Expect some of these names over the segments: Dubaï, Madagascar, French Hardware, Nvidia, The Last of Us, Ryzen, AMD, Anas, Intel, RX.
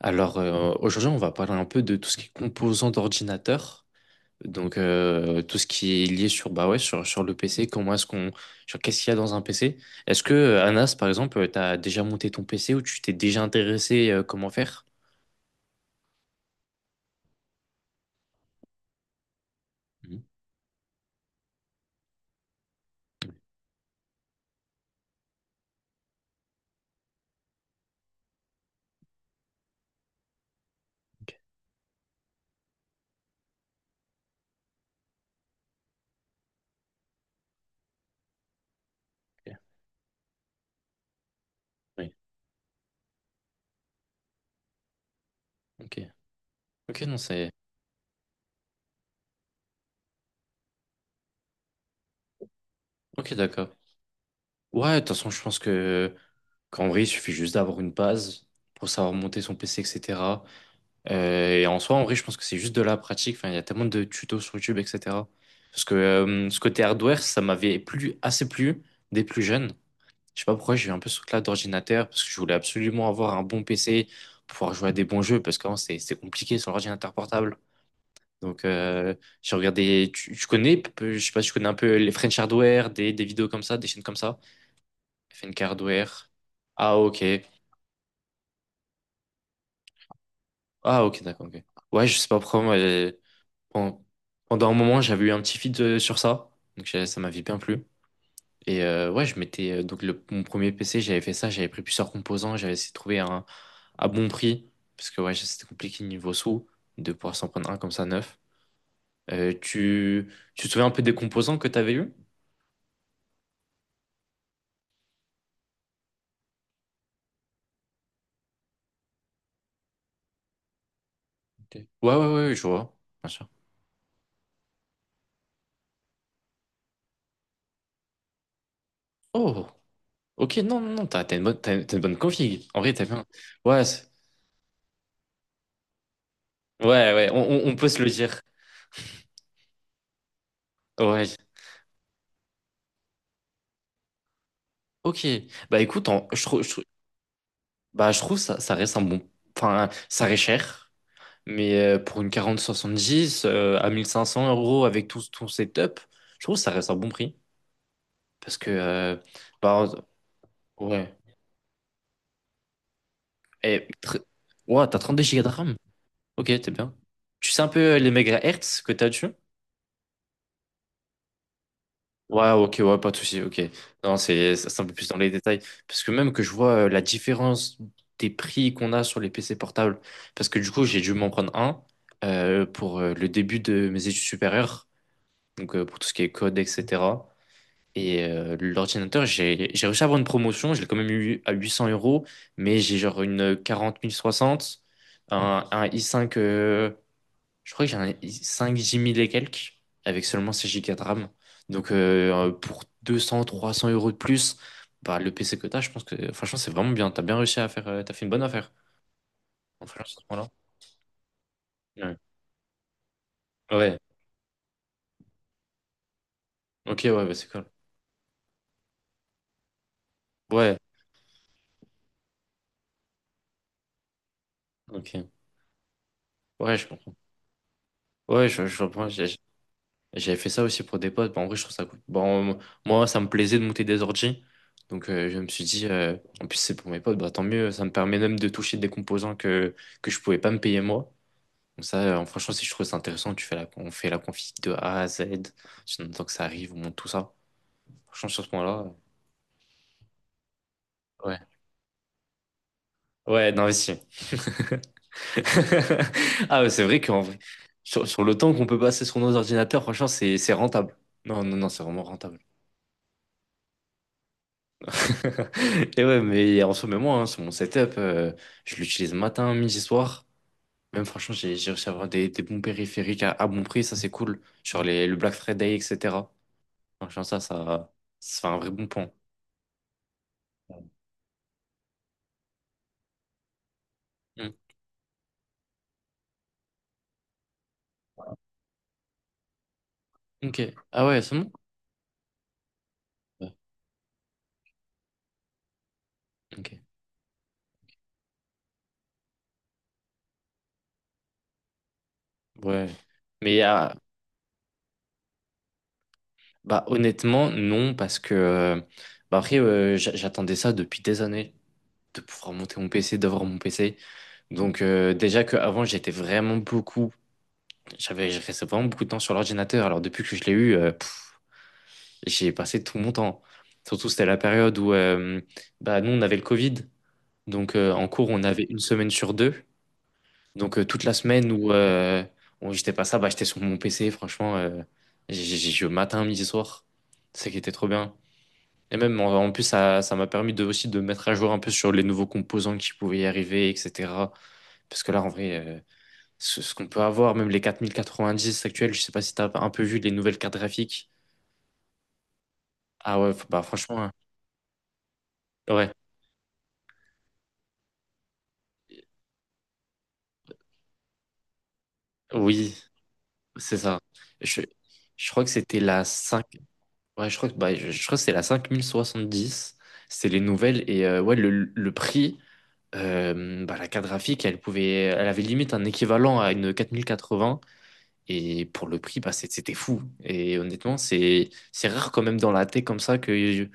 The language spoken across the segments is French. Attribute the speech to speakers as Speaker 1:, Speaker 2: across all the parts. Speaker 1: Alors, aujourd'hui, on va parler un peu de tout ce qui est composants d'ordinateur. Donc, tout ce qui est lié sur bah ouais sur le PC, comment est-ce qu'on sur qu'est-ce qu'il y a dans un PC? Est-ce que Anas par exemple, tu as déjà monté ton PC ou tu t'es déjà intéressé, comment faire? Mhm. Ok, ok. Oui. Ok. Ok, non, c'est. OK, d'accord. Ouais, de toute façon, je pense que qu'en vrai, il suffit juste d'avoir une base pour savoir monter son PC, etc. Et en soi, en vrai, je pense que c'est juste de la pratique. Enfin, il y a tellement de tutos sur YouTube, etc. Parce que ce côté hardware, ça m'avait plu, assez plu dès plus jeune. Je sais pas pourquoi j'ai eu un peu ce truc-là d'ordinateur, parce que je voulais absolument avoir un bon PC pour pouvoir jouer à des bons jeux, parce qu'avant, c'est compliqué sur l'ordinateur portable. Donc, j'ai regardé, je sais pas si tu connais un peu les French Hardware, des vidéos comme ça, des chaînes comme ça. FNK Hardware. Ah, ok. Ah, ok, d'accord, ok. Ouais, je sais pas pourquoi, moi. Pen- Pendant un moment, j'avais eu un petit feed, sur ça, donc ça m'avait bien plu. Et, ouais, je m'étais donc mon premier PC, j'avais fait ça, j'avais pris plusieurs composants, j'avais essayé de trouver un à bon prix parce que ouais, c'était compliqué niveau sous de pouvoir s'en prendre un comme ça neuf. Euh, tu, tu te souviens un peu des composants que t'avais eu? Ok. Ouais, ouais, ouais, ouais, je vois, bien sûr. Oh, ok, non, non, non, t'as une bonne, t'as une bonne config. En vrai, t'as bien. Ouais, ouais, ouais, on peut se le dire. Ouais, ok. Bah écoute, je trouve. Bah, je trouve ça, ça reste un bon. Enfin, ça reste cher, mais pour une 4070, à 1 500 € avec tout ton setup, je trouve que ça reste un bon prix. Parce que, bah, ouais. Et, ouah, t'as 2 Go de RAM. Ok, t'es bien. Tu sais un peu, les mégahertz que t'as dessus? Ouais, ok, ouais, pas de souci, ok. Non, c'est un peu plus dans les détails. Parce que même que je vois, la différence des prix qu'on a sur les PC portables, parce que du coup, j'ai dû m'en prendre un, pour, le début de mes études supérieures, donc, pour tout ce qui est code, etc. Et, l'ordinateur, j'ai réussi à avoir une promotion, je l'ai quand même eu à 800 euros, mais j'ai genre une 40 060, un i5 je crois que j'en ai 5 Jimmy et quelques avec seulement 6 Go de RAM. Donc, pour 200, 300 € de plus, bah, le PC que t'as, je pense que franchement c'est vraiment bien. T'as bien réussi à faire, t'as fait une bonne affaire en faisant ce point-là. Ouais. Ouais. Ok, ouais, ouais, bah, c'est cool. Ouais, ok. Ouais, je comprends. Ouais, je comprends. J'avais fait ça aussi pour des potes. Bah, en vrai, je trouve ça cool. Bon, moi, ça me plaisait de monter des ordi. Donc, je me suis dit, en plus c'est pour mes potes, bah tant mieux. Ça me permet même de toucher des composants que je pouvais pas me payer moi. Donc ça, franchement, si je trouve ça intéressant, on fait la config de A à Z, en attend que ça arrive, on monte tout ça. Franchement, sur ce point-là, ouais. Ouais, d'investi. Ah, ouais, c'est vrai qu'en vrai, sur le temps qu'on peut passer sur nos ordinateurs, franchement, c'est rentable. Non, non, non, c'est vraiment rentable. Et ouais, mais en ce moment, hein, sur mon setup, je l'utilise matin, midi, soir. Même franchement, j'ai réussi à avoir des bons périphériques à bon prix, ça c'est cool. Genre le Black Friday, etc. Franchement, ça fait un vrai bon point. Ok. Ah ouais, c'est bon? Ouais. Ok. Ouais. Mais ah, bah, honnêtement, non, parce que bah, après, j'attendais ça depuis des années, de pouvoir monter mon PC, d'avoir mon PC. Donc, déjà qu'avant, j'étais vraiment beaucoup, je restais vraiment beaucoup de temps sur l'ordinateur. Alors depuis que je l'ai eu, j'ai passé tout mon temps. Surtout, c'était la période où, bah, nous, on avait le Covid. Donc, en cours, on avait une semaine sur deux. Donc, toute la semaine où j'étais pas ça, bah, j'étais sur mon PC, franchement, je matin, midi, soir. C'est ça qui était trop bien. Et même en plus, ça m'a permis aussi de me mettre à jour un peu sur les nouveaux composants qui pouvaient y arriver, etc. Parce que là, en vrai, ce qu'on peut avoir, même les 4090 actuels, je sais pas si t'as un peu vu les nouvelles cartes graphiques. Ah ouais, bah franchement, hein. Ouais, oui, c'est ça. Je, je crois que c'était la 5. Ouais, je crois que, bah, je crois que c'est la 5070. C'est les nouvelles. Et, ouais, le prix, bah, la carte graphique, elle avait limite un équivalent à une quatre quatre-vingts mille quatre-vingts. Et pour le prix, bah, c'était fou. Et honnêtement, c'est rare quand même dans la tech comme ça que,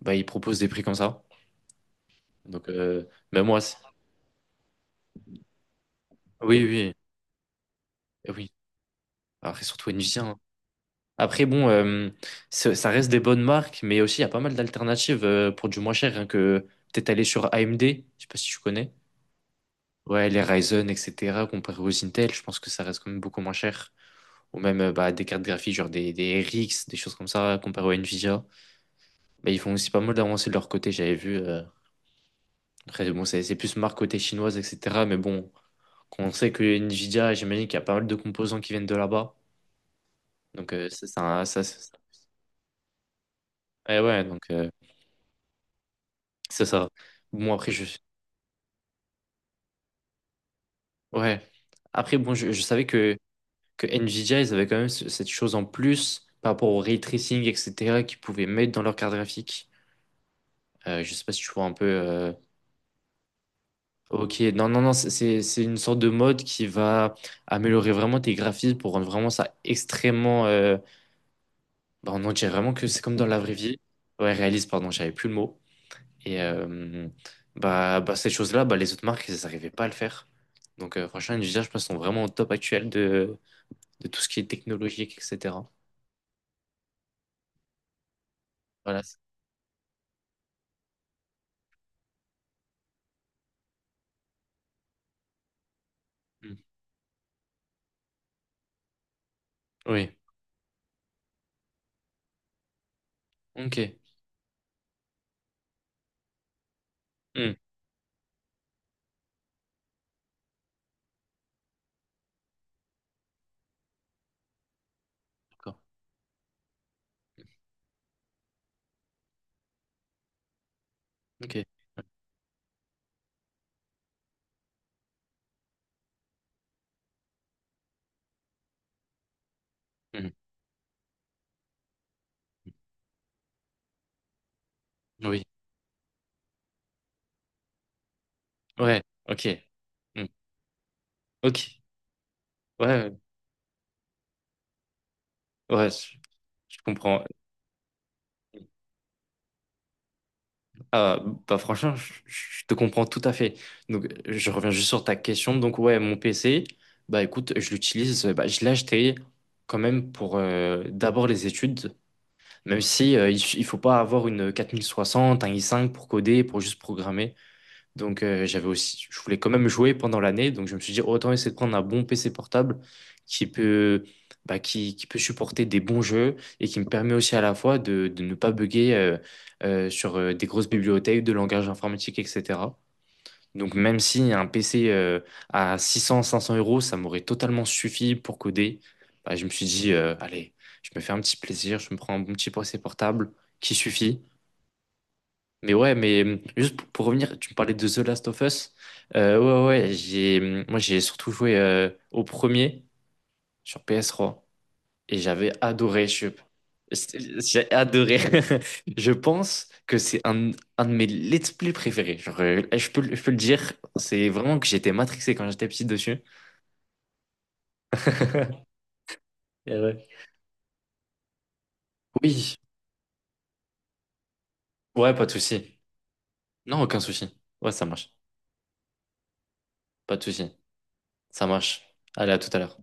Speaker 1: bah, ils proposent des prix comme ça. Donc, même moi, oui, oui, eh oui. Après, surtout Nvidia, hein. Après, bon, ça reste des bonnes marques, mais aussi, il y a pas mal d'alternatives, pour du moins cher, hein, que peut-être aller sur AMD, je sais pas si tu connais. Ouais, les Ryzen, etc., comparé aux Intel, je pense que ça reste quand même beaucoup moins cher. Ou même, bah, des cartes graphiques, genre des RX, des choses comme ça, comparé aux Nvidia. Bah, ils font aussi pas mal d'avancées de leur côté, j'avais vu. Après, bon, c'est plus marque côté chinoise, etc. Mais bon, quand on sait que Nvidia, j'imagine qu'il y a pas mal de composants qui viennent de là-bas. Donc, eh ouais, donc, c'est ça. Bon, après, je. Ouais. Après, bon, je savais que Nvidia, ils avaient quand même cette chose en plus par rapport au ray tracing, etc., qu'ils pouvaient mettre dans leur carte graphique. Je sais pas si tu vois un peu, ok, non, non, non, c'est une sorte de mode qui va améliorer vraiment tes graphismes pour rendre vraiment ça extrêmement, bah, on en dirait vraiment que c'est comme dans la vraie vie. Ouais, réaliste, pardon, j'avais plus le mot. Et, bah, bah, cette chose-là, bah, les autres marques, elles n'arrivaient pas à le faire. Donc, franchement, Nvidia, je pense, sont vraiment au top actuel de tout ce qui est technologique, etc. Voilà. Mm. Oui. Ok. Hmm. D'accord. Ok. Hmm. Oui. Ouais. Ok. Hmm. Ok. Ouais. Ouais. Ouais, je comprends. Ah, bah franchement, je te comprends tout à fait. Donc, je reviens juste sur ta question. Donc, ouais, mon PC, bah écoute, je l'utilise. Bah, je l'ai acheté quand même pour, d'abord les études, même si, il faut pas avoir une 4060, un i5 pour coder, pour juste programmer. Donc, j'avais aussi, je voulais quand même jouer pendant l'année, donc je me suis dit autant essayer de prendre un bon PC portable qui peut, bah, qui peut supporter des bons jeux et qui me permet aussi à la fois de ne pas bugger, sur, des grosses bibliothèques de langage informatique, etc. Donc même si un PC, à 600, 500 euros, ça m'aurait totalement suffi pour coder, bah, je me suis dit, allez, je me fais un petit plaisir, je me prends un bon petit PC portable qui suffit mais ouais, mais, juste pour revenir, tu me parlais de The Last of Us. Euh, ouais, ouais, moi j'ai surtout joué, au premier sur PS3 et j'avais adoré. J'ai adoré. Je pense que c'est un de mes let's play préférés. Genre, je peux, je peux le dire, c'est vraiment que j'étais matrixé quand j'étais petit dessus. Et ouais. Oui, ouais, pas de souci. Non, aucun souci. Ouais, ça marche. Pas de souci. Ça marche. Allez, à tout à l'heure.